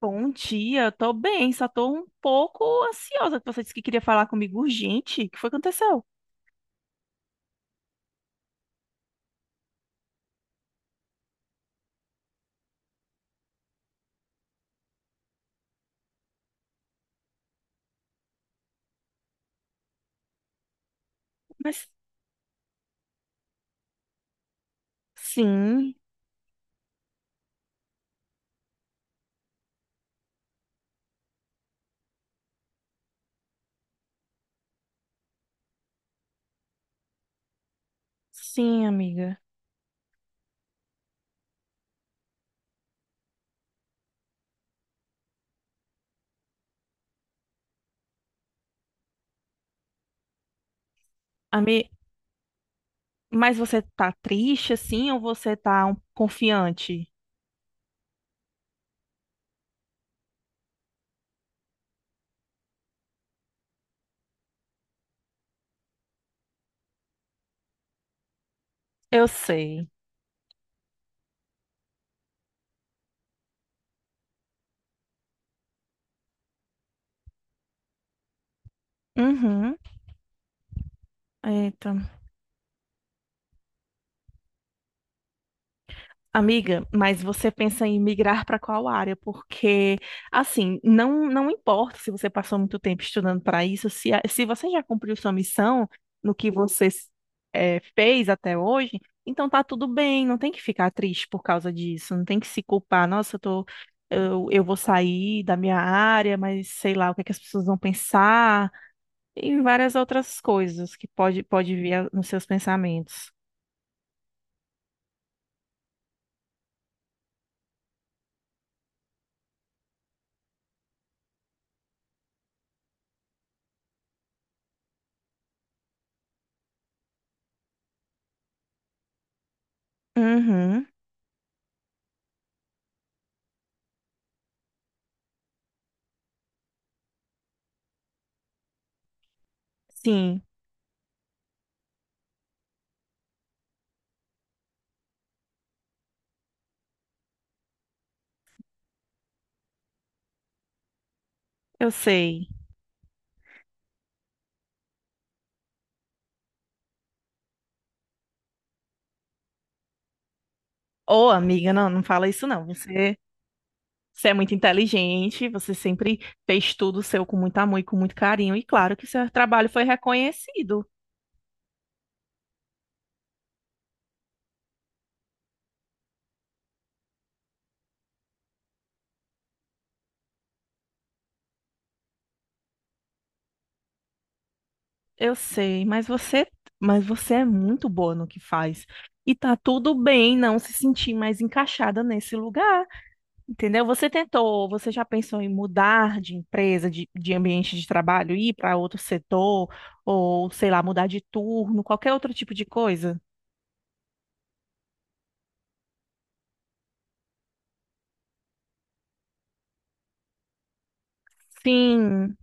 Bom dia, tô bem, só tô um pouco ansiosa que você disse que queria falar comigo urgente. O que foi que aconteceu? Mas sim, sim, amiga. Ami... Mas você tá triste assim ou você tá confiante? Eu sei. Uhum. Eita, amiga, mas você pensa em migrar para qual área? Porque, assim, não, não importa se você passou muito tempo estudando para isso, se, se você já cumpriu sua missão no que você fez até hoje, então tá tudo bem, não tem que ficar triste por causa disso, não tem que se culpar. Nossa, eu vou sair da minha área, mas sei lá o que é que as pessoas vão pensar, e várias outras coisas que pode vir nos seus pensamentos. Uhum, sim, eu sei. Ô, amiga, não, não fala isso não. Você é muito inteligente, você sempre fez tudo seu com muito amor e com muito carinho. E claro que seu trabalho foi reconhecido. Eu sei, mas você é muito boa no que faz. E tá tudo bem não se sentir mais encaixada nesse lugar, entendeu? Você tentou, você já pensou em mudar de empresa, de ambiente de trabalho, ir para outro setor, ou sei lá, mudar de turno, qualquer outro tipo de coisa? Sim.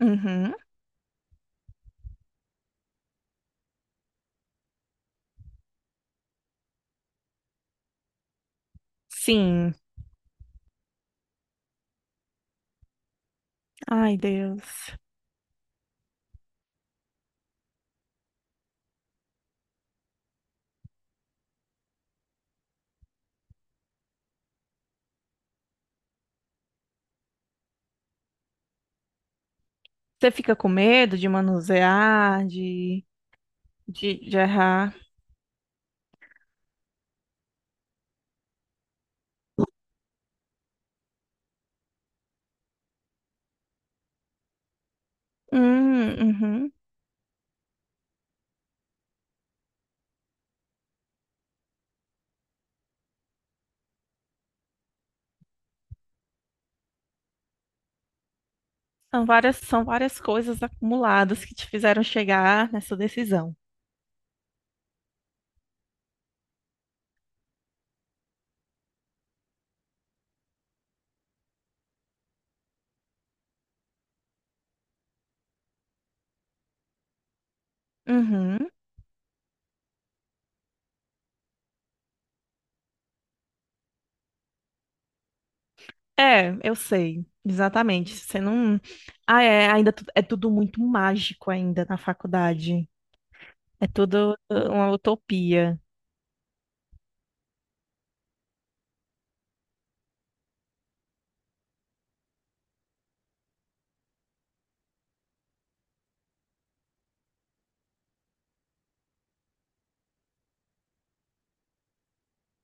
Uhum. Sim. Ai, Deus. Você fica com medo de manusear, de errar? Uhum. São várias coisas acumuladas que te fizeram chegar nessa decisão. Uhum. É, eu sei, exatamente. Você não. Ah, é, ainda é tudo muito mágico ainda na faculdade. É tudo uma utopia.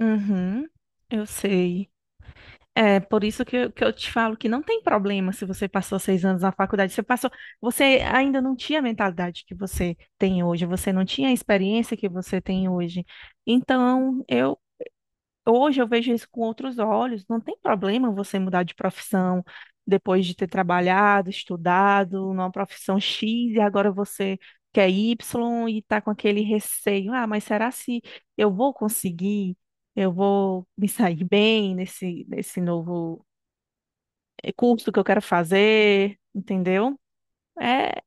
Uhum, eu sei. É por isso que eu te falo que não tem problema se você passou 6 anos na faculdade. Você passou, você ainda não tinha a mentalidade que você tem hoje, você não tinha a experiência que você tem hoje. Então, eu hoje eu vejo isso com outros olhos. Não tem problema você mudar de profissão depois de ter trabalhado, estudado numa profissão X e agora você quer Y e está com aquele receio. Ah, mas será se eu vou conseguir? Eu vou me sair bem nesse novo curso que eu quero fazer, entendeu? É,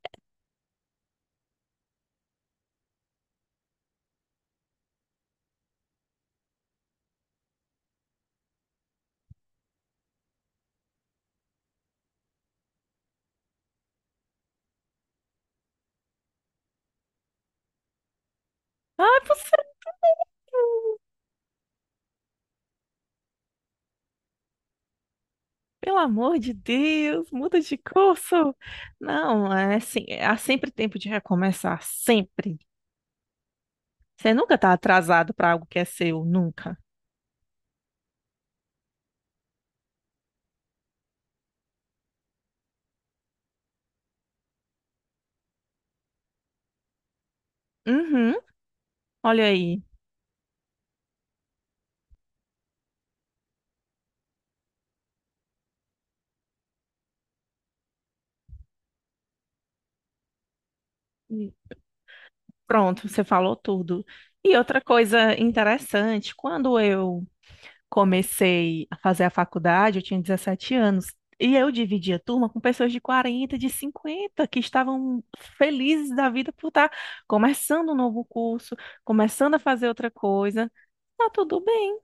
ah, pelo amor de Deus, muda de curso. Não, é assim, há sempre tempo de recomeçar, sempre. Você nunca tá atrasado para algo que é seu, nunca. Uhum, olha aí. Pronto, você falou tudo. E outra coisa interessante, quando eu comecei a fazer a faculdade, eu tinha 17 anos, e eu dividia turma com pessoas de 40, de 50, que estavam felizes da vida por estar começando um novo curso, começando a fazer outra coisa. Tá tudo bem.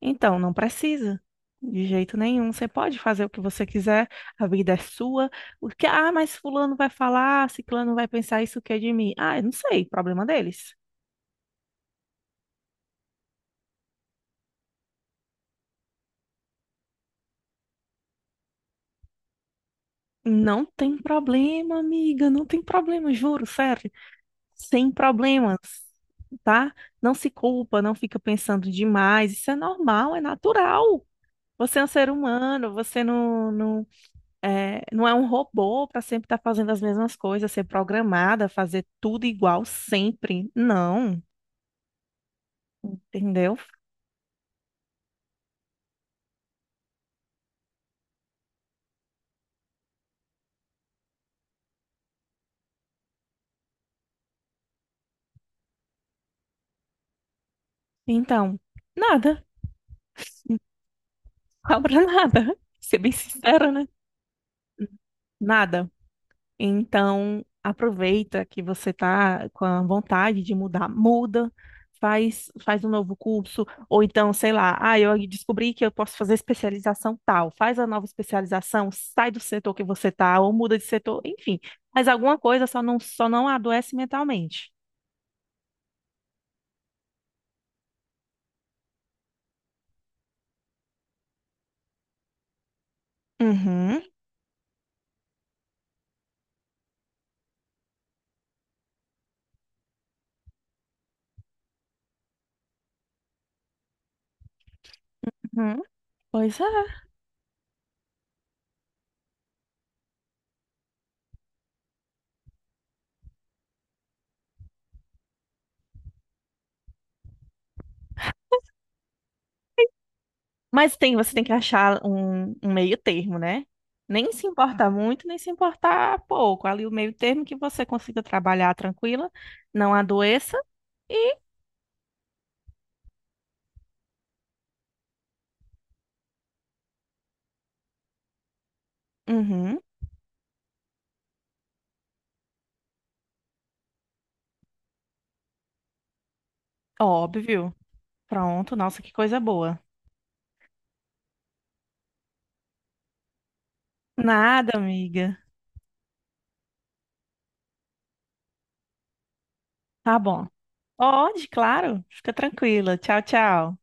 Então, não precisa. De jeito nenhum. Você pode fazer o que você quiser, a vida é sua. O que, ah, mas fulano vai falar, ciclano vai pensar isso que é de mim. Ah, eu não sei, problema deles. Não tem problema, amiga, não tem problema, juro, sério. Sem problemas, tá? Não se culpa, não fica pensando demais. Isso é normal, é natural. Você é um ser humano, você não, não é, não é um robô para sempre estar fazendo as mesmas coisas, ser programada, fazer tudo igual sempre. Não, entendeu? Então, nada. Cobra nada. Ser bem sincera, né? Nada. Então, aproveita que você está com a vontade de mudar, muda, faz um novo curso, ou então, sei lá, ah, eu descobri que eu posso fazer especialização tal, faz a nova especialização, sai do setor que você está, ou muda de setor, enfim, faz alguma coisa, só não adoece mentalmente. Uhum, uhum, pois é. Mas tem, você tem que achar um meio termo, né? Nem se importar muito, nem se importar pouco. Ali o meio termo que você consiga trabalhar tranquila, não adoeça. Uhum, óbvio. Pronto, nossa, que coisa boa. Nada, amiga. Tá bom. Pode, claro. Fica tranquila. Tchau, tchau.